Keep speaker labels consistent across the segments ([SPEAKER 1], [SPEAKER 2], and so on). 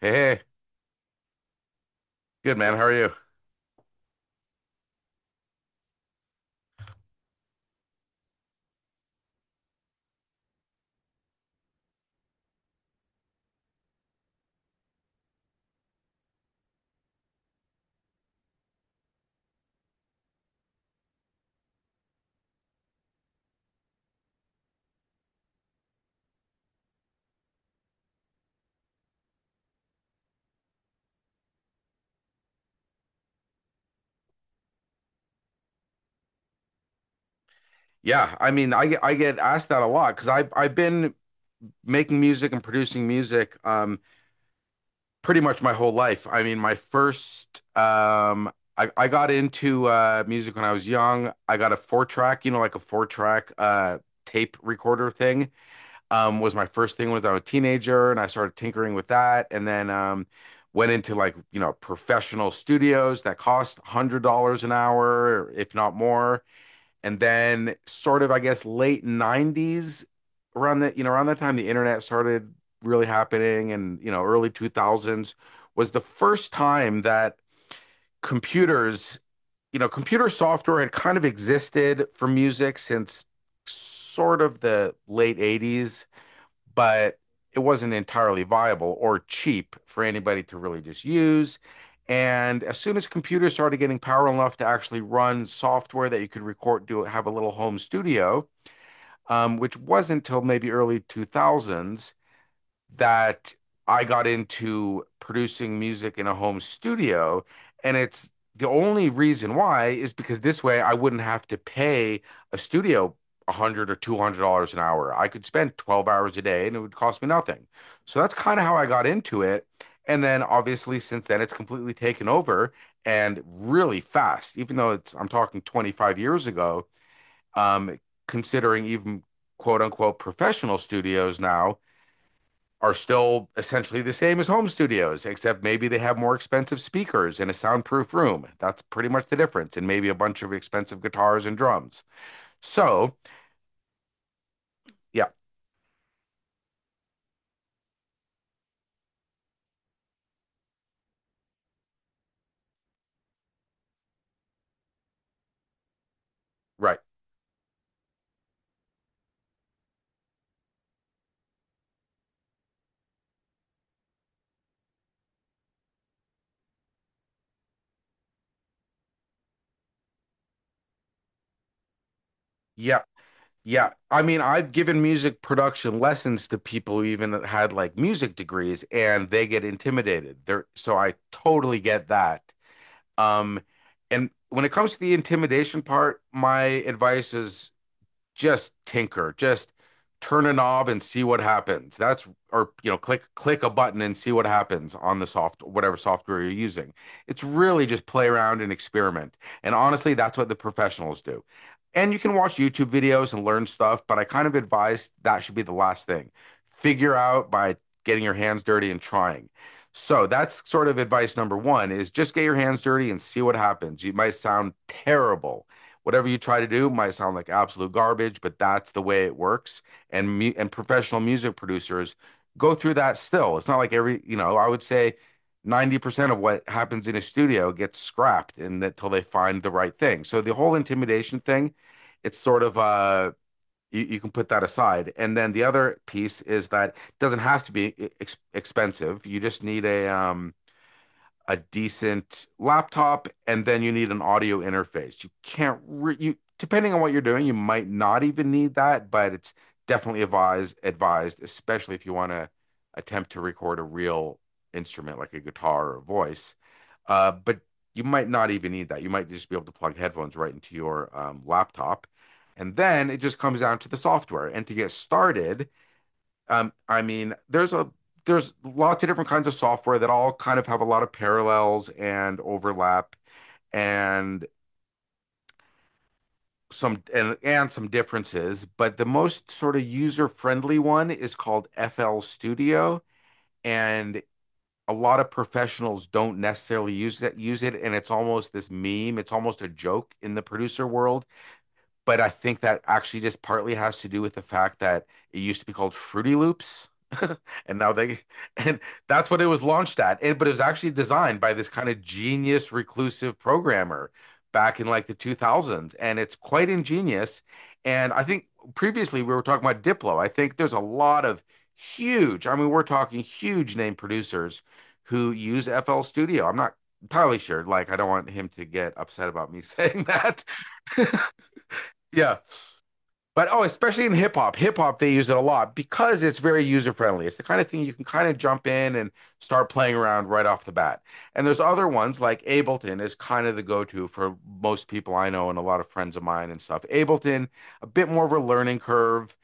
[SPEAKER 1] Hey, hey, good man. How are you? Yeah, I mean, I get asked that a lot because I've been making music and producing music pretty much my whole life. I mean, my first I got into music when I was young. I got a four track, you know, like a four track tape recorder thing. Was my first thing when I was a teenager, and I started tinkering with that, and then went into, like, professional studios that cost $100 an hour, if not more. And then, sort of, I guess, late 90s, around the, you know around that time the internet started really happening, and, early 2000s was the first time that computers you know computer software had kind of existed for music since sort of the late 80s. But it wasn't entirely viable or cheap for anybody to really just use. And as soon as computers started getting power enough to actually run software that you could record, do, have a little home studio, which wasn't until maybe early 2000s, that I got into producing music in a home studio. And it's the only reason why is because this way I wouldn't have to pay a studio 100 or $200 an hour. I could spend 12 hours a day and it would cost me nothing. So that's kind of how I got into it. And then obviously since then it's completely taken over, and really fast, even though it's I'm talking 25 years ago. um, Considering, even, quote unquote, professional studios now are still essentially the same as home studios, except maybe they have more expensive speakers in a soundproof room. That's pretty much the difference, and maybe a bunch of expensive guitars and drums. So, yeah, right. Yeah, yeah. I mean, I've given music production lessons to people who even had, like, music degrees, and they get intimidated. So I totally get that. Um, and when it comes to the intimidation part, my advice is just tinker, just turn a knob and see what happens. That's or you know, Click a button and see what happens on the soft whatever software you're using. It's really just play around and experiment. And honestly, that's what the professionals do. And you can watch YouTube videos and learn stuff, but I kind of advise that should be the last thing. Figure out by getting your hands dirty and trying. So that's sort of advice number one: is just get your hands dirty and see what happens. It might sound terrible, whatever you try to do might sound like absolute garbage, but that's the way it works. And mu and professional music producers go through that still. It's not like I would say 90% of what happens in a studio gets scrapped, and that till they find the right thing. So the whole intimidation thing, it's sort of you can put that aside. And then the other piece is that it doesn't have to be e, ex expensive. You just need a decent laptop, and then you need an audio interface. You can't re- You, depending on what you're doing, you might not even need that, but it's definitely advised, especially if you want to attempt to record a real instrument like a guitar or a voice. But you might not even need that. You might just be able to plug headphones right into your laptop. And then it just comes down to the software. And to get started, I mean, there's lots of different kinds of software that all kind of have a lot of parallels and overlap, and some differences, but the most sort of user-friendly one is called FL Studio. And a lot of professionals don't necessarily use it, and it's almost this meme, it's almost a joke in the producer world, but I think that actually just partly has to do with the fact that it used to be called Fruity Loops. and now they and that's what it was launched at. But it was actually designed by this kind of genius reclusive programmer back in like the 2000s, and it's quite ingenious. And I think previously we were talking about Diplo. I think there's a lot of huge, I mean, we're talking huge name producers who use FL Studio. I'm not entirely sure. Like, I don't want him to get upset about me saying that. Yeah, but, oh, especially in hip hop, they use it a lot because it's very user friendly. It's the kind of thing you can kind of jump in and start playing around right off the bat. And there's other ones like Ableton is kind of the go-to for most people I know and a lot of friends of mine and stuff. Ableton, a bit more of a learning curve,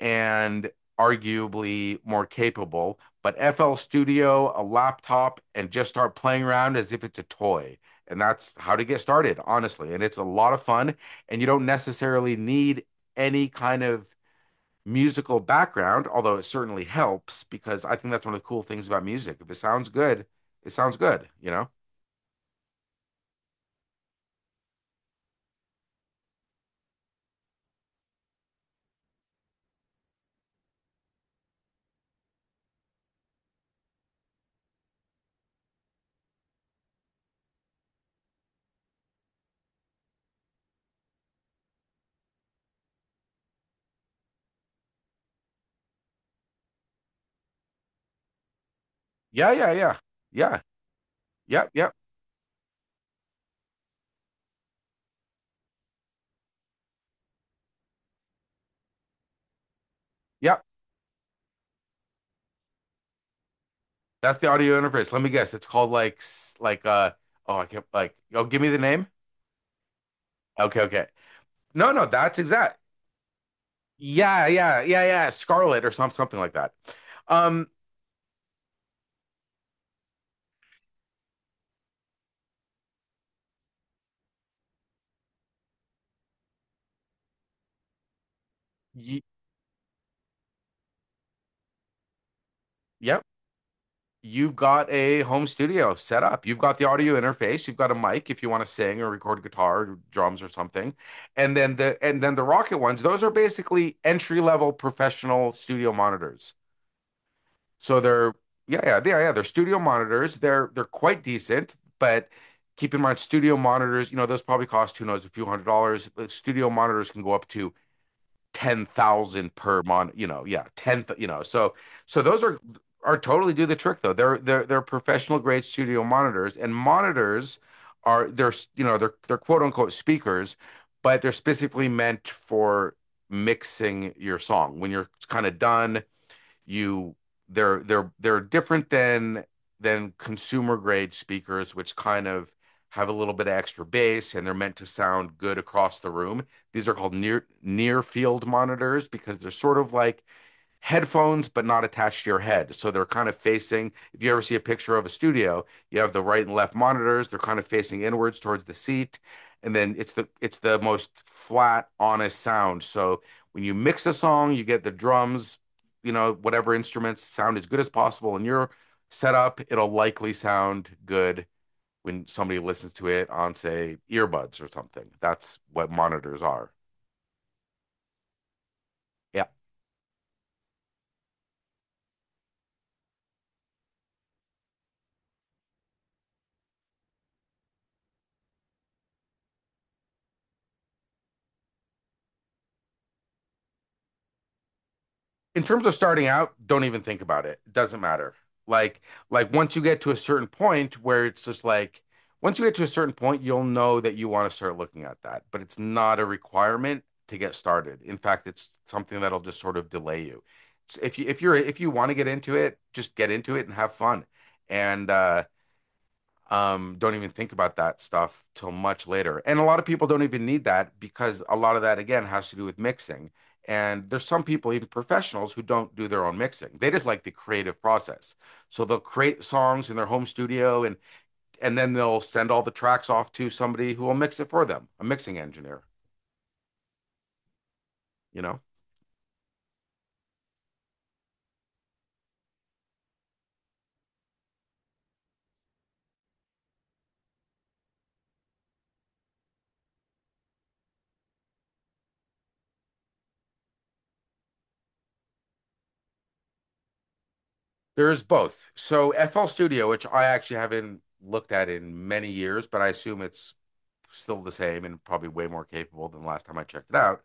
[SPEAKER 1] and arguably more capable. But FL Studio, a laptop, and just start playing around as if it's a toy. And that's how to get started, honestly. And it's a lot of fun. And you don't necessarily need any kind of musical background, although it certainly helps, because I think that's one of the cool things about music. If it sounds good, it sounds good, you know? Yeah, yeah, yeah. Yeah. Yep, yep, yep. That's the audio interface. Let me guess. It's called like oh, I can't, like, oh, give me the name. Okay, okay. No, no, that's exact. Yeah, yeah, yeah, yeah. Scarlet or something like that. Um, y Yep. You've got a home studio set up. You've got the audio interface. You've got a mic if you want to sing or record guitar, or drums, or something. And then the Rocket ones, those are basically entry level professional studio monitors. So they're yeah, yeah, yeah, yeah. They're studio monitors. They're quite decent, but keep in mind studio monitors, those probably cost, who knows, a few hundred dollars. But studio monitors can go up to 10,000 per month. You know, yeah, ten. You know, so those are totally do the trick, though. They're professional grade studio monitors, and monitors are they're you know they're quote unquote speakers, but they're specifically meant for mixing your song when you're kind of done. You they're they're they're different than consumer grade speakers, which kind of have a little bit of extra bass and they're meant to sound good across the room. These are called near field monitors because they're sort of like headphones but not attached to your head. So they're kind of facing, if you ever see a picture of a studio, you have the right and left monitors, they're kind of facing inwards towards the seat. And then it's the most flat, honest sound. So when you mix a song, you get the drums, whatever instruments sound as good as possible in your setup, it'll likely sound good when somebody listens to it on, say, earbuds or something. That's what monitors are. Yeah. In terms of starting out, don't even think about it. It doesn't matter. Like like, once you get to a certain point where it's just like, once you get to a certain point, you'll know that you want to start looking at that, but it's not a requirement to get started. In fact, it's something that'll just sort of delay you. If you want to get into it, just get into it and have fun. And don't even think about that stuff till much later. And a lot of people don't even need that, because a lot of that, again, has to do with mixing. And there's some people, even professionals, who don't do their own mixing. They just like the creative process. So they'll create songs in their home studio, and then they'll send all the tracks off to somebody who will mix it for them, a mixing engineer, you know? There's both. So FL Studio, which I actually haven't looked at in many years, but I assume it's still the same and probably way more capable than the last time I checked it out.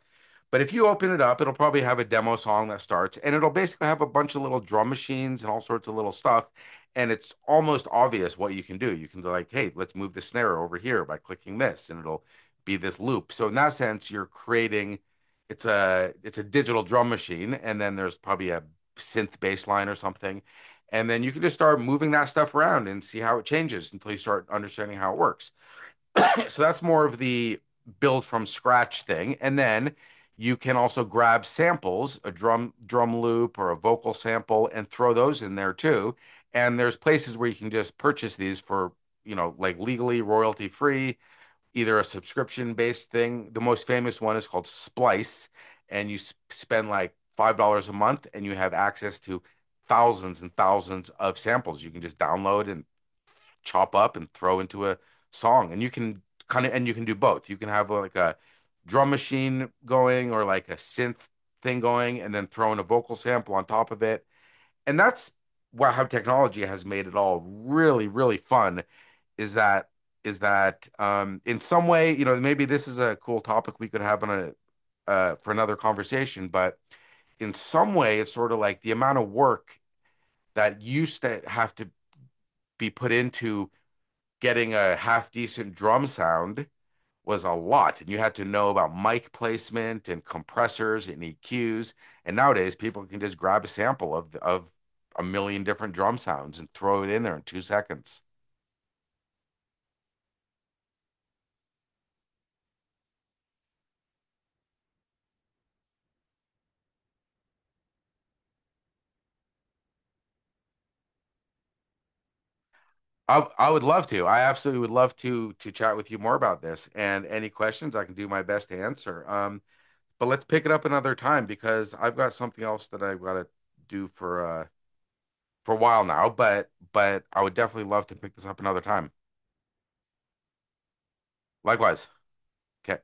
[SPEAKER 1] But if you open it up, it'll probably have a demo song that starts, and it'll basically have a bunch of little drum machines and all sorts of little stuff. And it's almost obvious what you can do. You can be like, hey, let's move the snare over here by clicking this, and it'll be this loop. So in that sense, you're creating, it's a digital drum machine, and then there's probably a synth bass line or something. And then you can just start moving that stuff around and see how it changes until you start understanding how it works. So that's more of the build from scratch thing. And then you can also grab samples, a drum loop or a vocal sample, and throw those in there too. And there's places where you can just purchase these for, like, legally royalty free, either a subscription based thing. The most famous one is called Splice, and you spend like $5 a month, and you have access to thousands and thousands of samples you can just download and chop up and throw into a song. And you can kind of, and you can do both. You can have like a drum machine going or like a synth thing going, and then throw in a vocal sample on top of it. And that's, wow, how technology has made it all really, really fun is that, in some way, maybe this is a cool topic we could have on a for another conversation. But in some way, it's sort of like the amount of work that used to have to be put into getting a half decent drum sound was a lot. And you had to know about mic placement and compressors and EQs. And nowadays, people can just grab a sample of a million different drum sounds and throw it in there in 2 seconds. I would love to. I absolutely would love to chat with you more about this. And any questions, I can do my best to answer. But let's pick it up another time, because I've got something else that I've got to do for a while now. But I would definitely love to pick this up another time. Likewise. Okay.